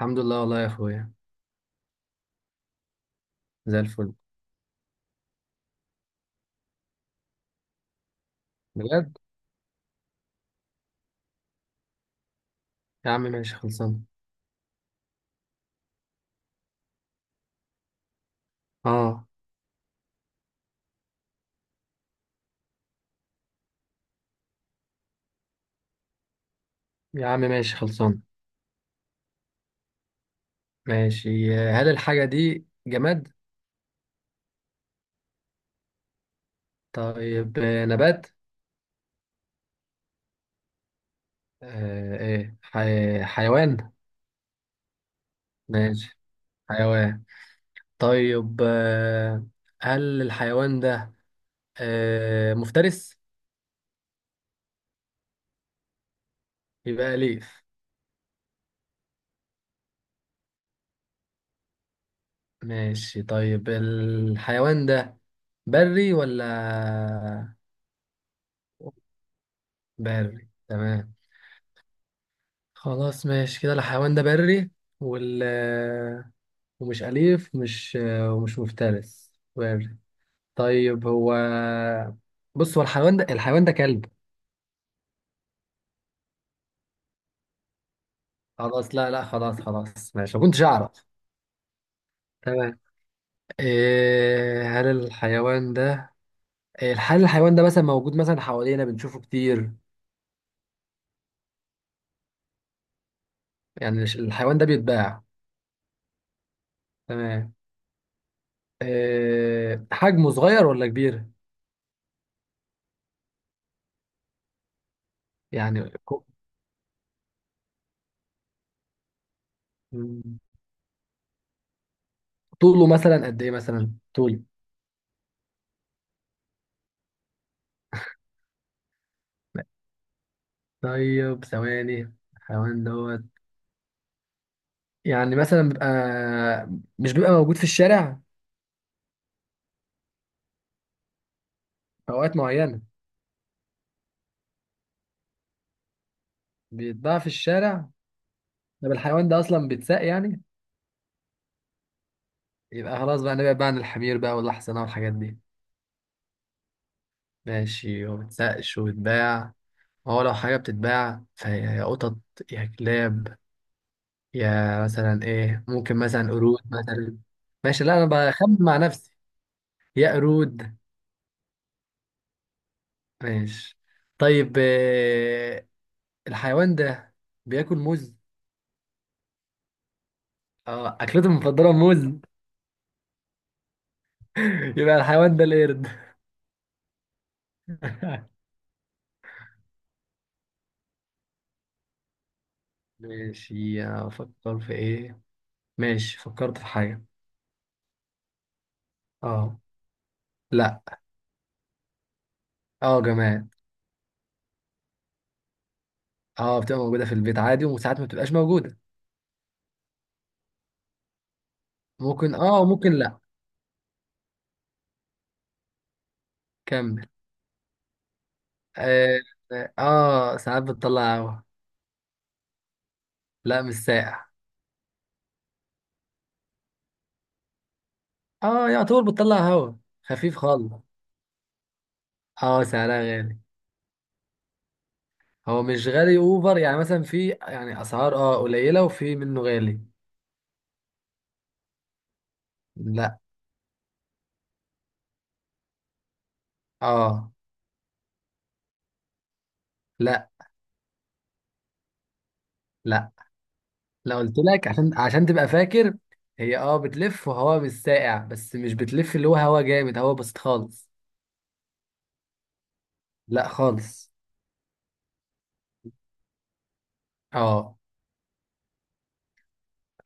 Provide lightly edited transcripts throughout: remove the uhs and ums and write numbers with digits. الحمد لله والله يا اخويا. زي الفل. بجد يا عم ماشي خلصان. اه يا عم ماشي خلصان. ماشي. هل الحاجة دي جماد؟ طيب نبات. حيوان. ماشي حيوان. طيب آه، هل الحيوان ده مفترس؟ يبقى أليف. ماشي، طيب الحيوان ده بري ولا؟ بري، تمام. خلاص ماشي كده الحيوان ده بري وال ومش أليف ومش مفترس، بري. طيب هو، بص هو الحيوان ده، الحيوان ده كلب؟ خلاص، لا، خلاص خلاص ماشي، ما كنتش أعرف. تمام، إيه هل الحيوان ده إيه، هل الحيوان ده مثلا موجود مثلا حوالينا بنشوفه كتير؟ يعني الحيوان ده بيتباع؟ تمام. إيه حجمه صغير ولا كبير؟ يعني كو- مم. طوله مثلا قد إيه؟ مثلا طول. طيب ثواني، حيوان دوت، يعني مثلا بيبقى، مش بيبقى موجود في الشارع؟ في اوقات معينه بيتباع في الشارع. طب الحيوان ده اصلا بيتساق يعني؟ يبقى خلاص بقى نبعد بقى عن الحمير بقى والاحصنه والحاجات دي. ماشي، وما بيتسقش وبيتباع، هو لو حاجه بتتباع فهي يا قطط، يا كلاب، يا مثلا ايه، ممكن مثلا قرود مثلا. ماشي، لا انا بخمن مع نفسي. يا قرود. ماشي. طيب الحيوان ده بياكل موز؟ اه اكلته المفضله موز. يبقى الحيوان ده القرد. ماشي، افكر في ايه؟ ماشي، فكرت في حاجه. اه. لا. اه جماد. اه بتبقى موجوده في البيت عادي وساعات ما بتبقاش موجوده. ممكن اه، ممكن لا. كمل. اه, آه ساعات بتطلع هوا. لا مش ساقع. اه، يعتبر بتطلع هوا خفيف خالص. اه سعرها غالي. هو مش غالي اوفر، يعني مثلا في يعني اسعار اه قليله وفي منه غالي. لا. اه. لا. لا. لو قلت لك عشان عشان تبقى فاكر، هي اه بتلف وهواء مش ساقع، بس مش بتلف اللي هو هواء جامد، هواء بسيط خالص. لا خالص. اه.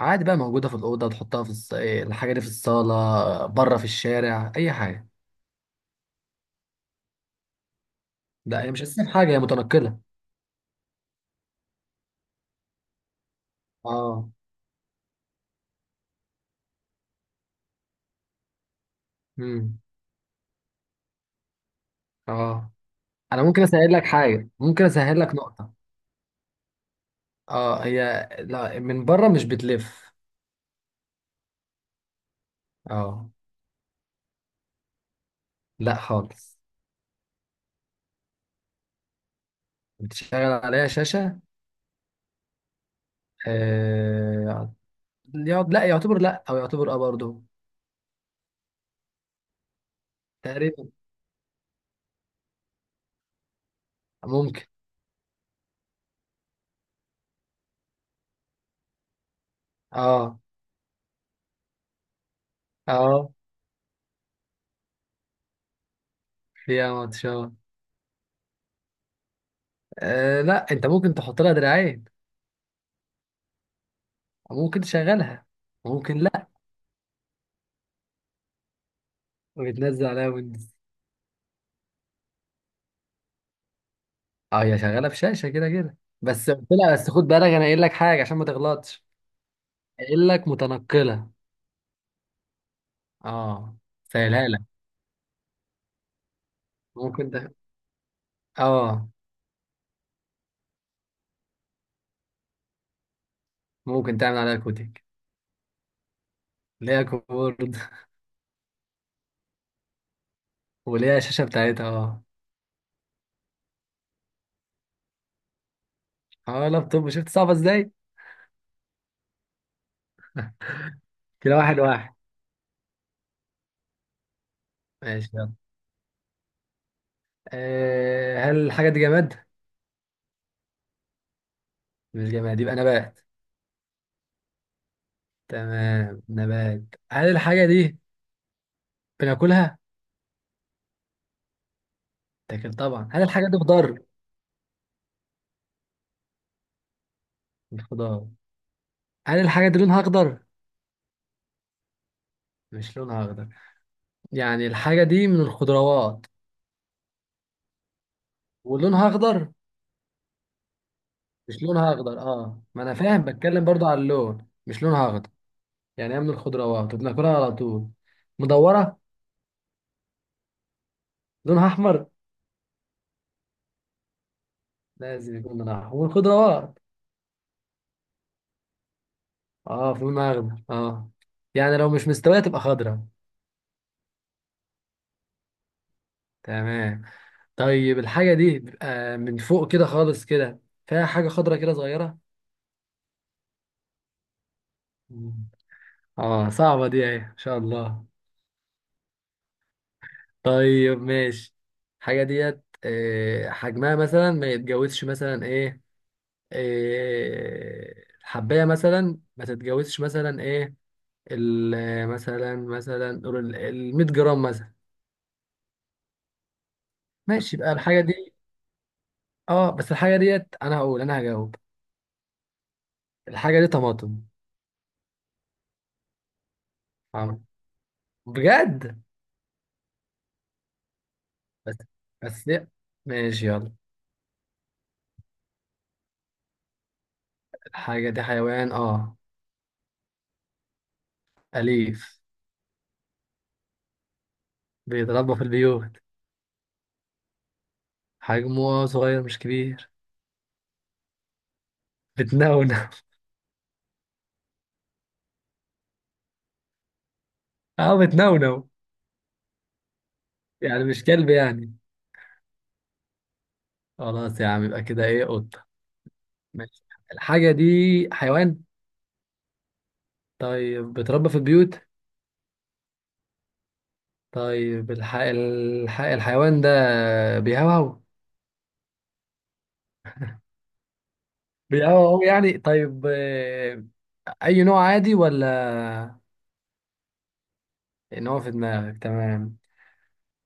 عادي بقى موجودة في الأوضة، تحطها في إيه، الحاجة دي في الصالة، بره في الشارع، أي حاجة. لا هي مش أساسية في حاجة، هي متنقلة. اه. امم. اه، أنا ممكن أسهل لك حاجة، ممكن أسهل لك نقطة. اه هي، لا من بره مش بتلف. اه. لا خالص. بتشتغل عليها شاشة. آه، لا يعتبر، لا او يعتبر اه برضه. تقريبا. ممكن. اه. اه، فيها ماتشات. آه لا، انت ممكن تحط لها دراعين. ممكن تشغلها. ممكن لا. وبتنزل عليها ويندوز. اه هي شغاله بشاشه كده كده، بس قلت لها بس خد بالك انا قايل لك حاجه عشان ما تغلطش. قايل لك متنقله. اه. سهلها لك. ممكن ده. اه. ممكن تعمل عليها كوتك. ليها كيبورد. وليها شاشه بتاعتها اه. اه لابتوب، شفت صعبه ازاي. كده واحد واحد. ماشي، هل الحاجة دي جماد؟ مش جماد يبقى نبات. تمام نبات. هل الحاجة دي بناكلها؟ تاكل طبعا، هل الحاجة دي خضار؟ مش خضار، هل الحاجة دي لونها أخضر؟ مش لونها أخضر، يعني الحاجة دي من الخضروات ولونها أخضر؟ مش لونها أخضر، اه ما أنا فاهم بتكلم برضو على اللون، مش لونها أخضر. يعني هي من الخضروات وبناكلها على طول، مدورة، لونها أحمر؟ لازم يكون لونها أحمر والخضروات. اه في لونها أخضر اه، يعني لو مش مستوية تبقى خضرا. تمام. طيب الحاجة دي بيبقى من فوق كده خالص كده فيها حاجة خضرة كده صغيرة؟ مم. اه صعبة دي اهي ان شاء الله. طيب ماشي، الحاجة ديت حجمها مثلا ما يتجاوزش مثلا ايه، آه، الحباية مثلا ما تتجاوزش مثلا ايه، مثلا مثلا قول ال 100 جرام مثلا. ماشي يبقى الحاجة دي اه، بس الحاجة ديت انا هقول انا هجاوب، الحاجة دي طماطم. آه. بجد. بس بس ماشي يلا. حاجة دي حيوان؟ اه أليف. بيتربى في البيوت. حجمه صغير مش كبير. بتنونو؟ اه بتنونو. يعني مش كلب يعني؟ خلاص يا عم يبقى كده ايه، قطة. ماشي، الحاجة دي حيوان. طيب بيتربى في البيوت. طيب الحيوان ده بيهوهو؟ بيهوهو يعني، طيب أي نوع عادي ولا؟ نوع في دماغك، تمام.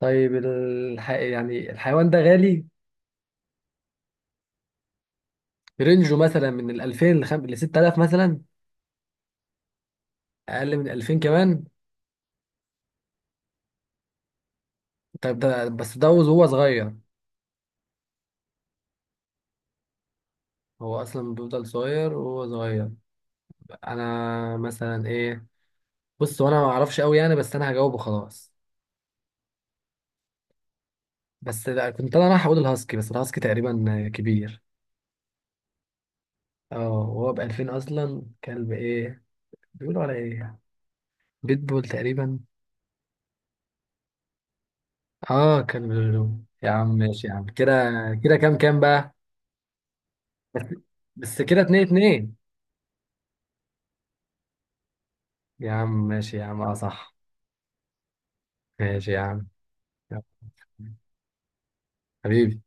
طيب يعني الحيوان ده غالي؟ رينجه مثلا من ال 2000 ل 6000 مثلا؟ اقل من 2000 كمان؟ طب ده بس ده وهو صغير؟ هو اصلا بيفضل صغير وهو صغير. انا مثلا ايه، بص وانا ما اعرفش قوي يعني، بس انا هجاوبه خلاص. بس لا، كنت انا رايح اقول الهاسكي، بس الهاسكي تقريبا كبير. اه وهو ب 2000 اصلا، كلب ايه بيقولوا على ايه، بيتبول تقريبا. اه كلب لولو يا عم، ماشي يا عم كده. كده كام كام بقى؟ بس بس، كده اتنين اتنين. يا عم ماشي يا عم، اه صح. ماشي يا عم. يلا. حبيبي.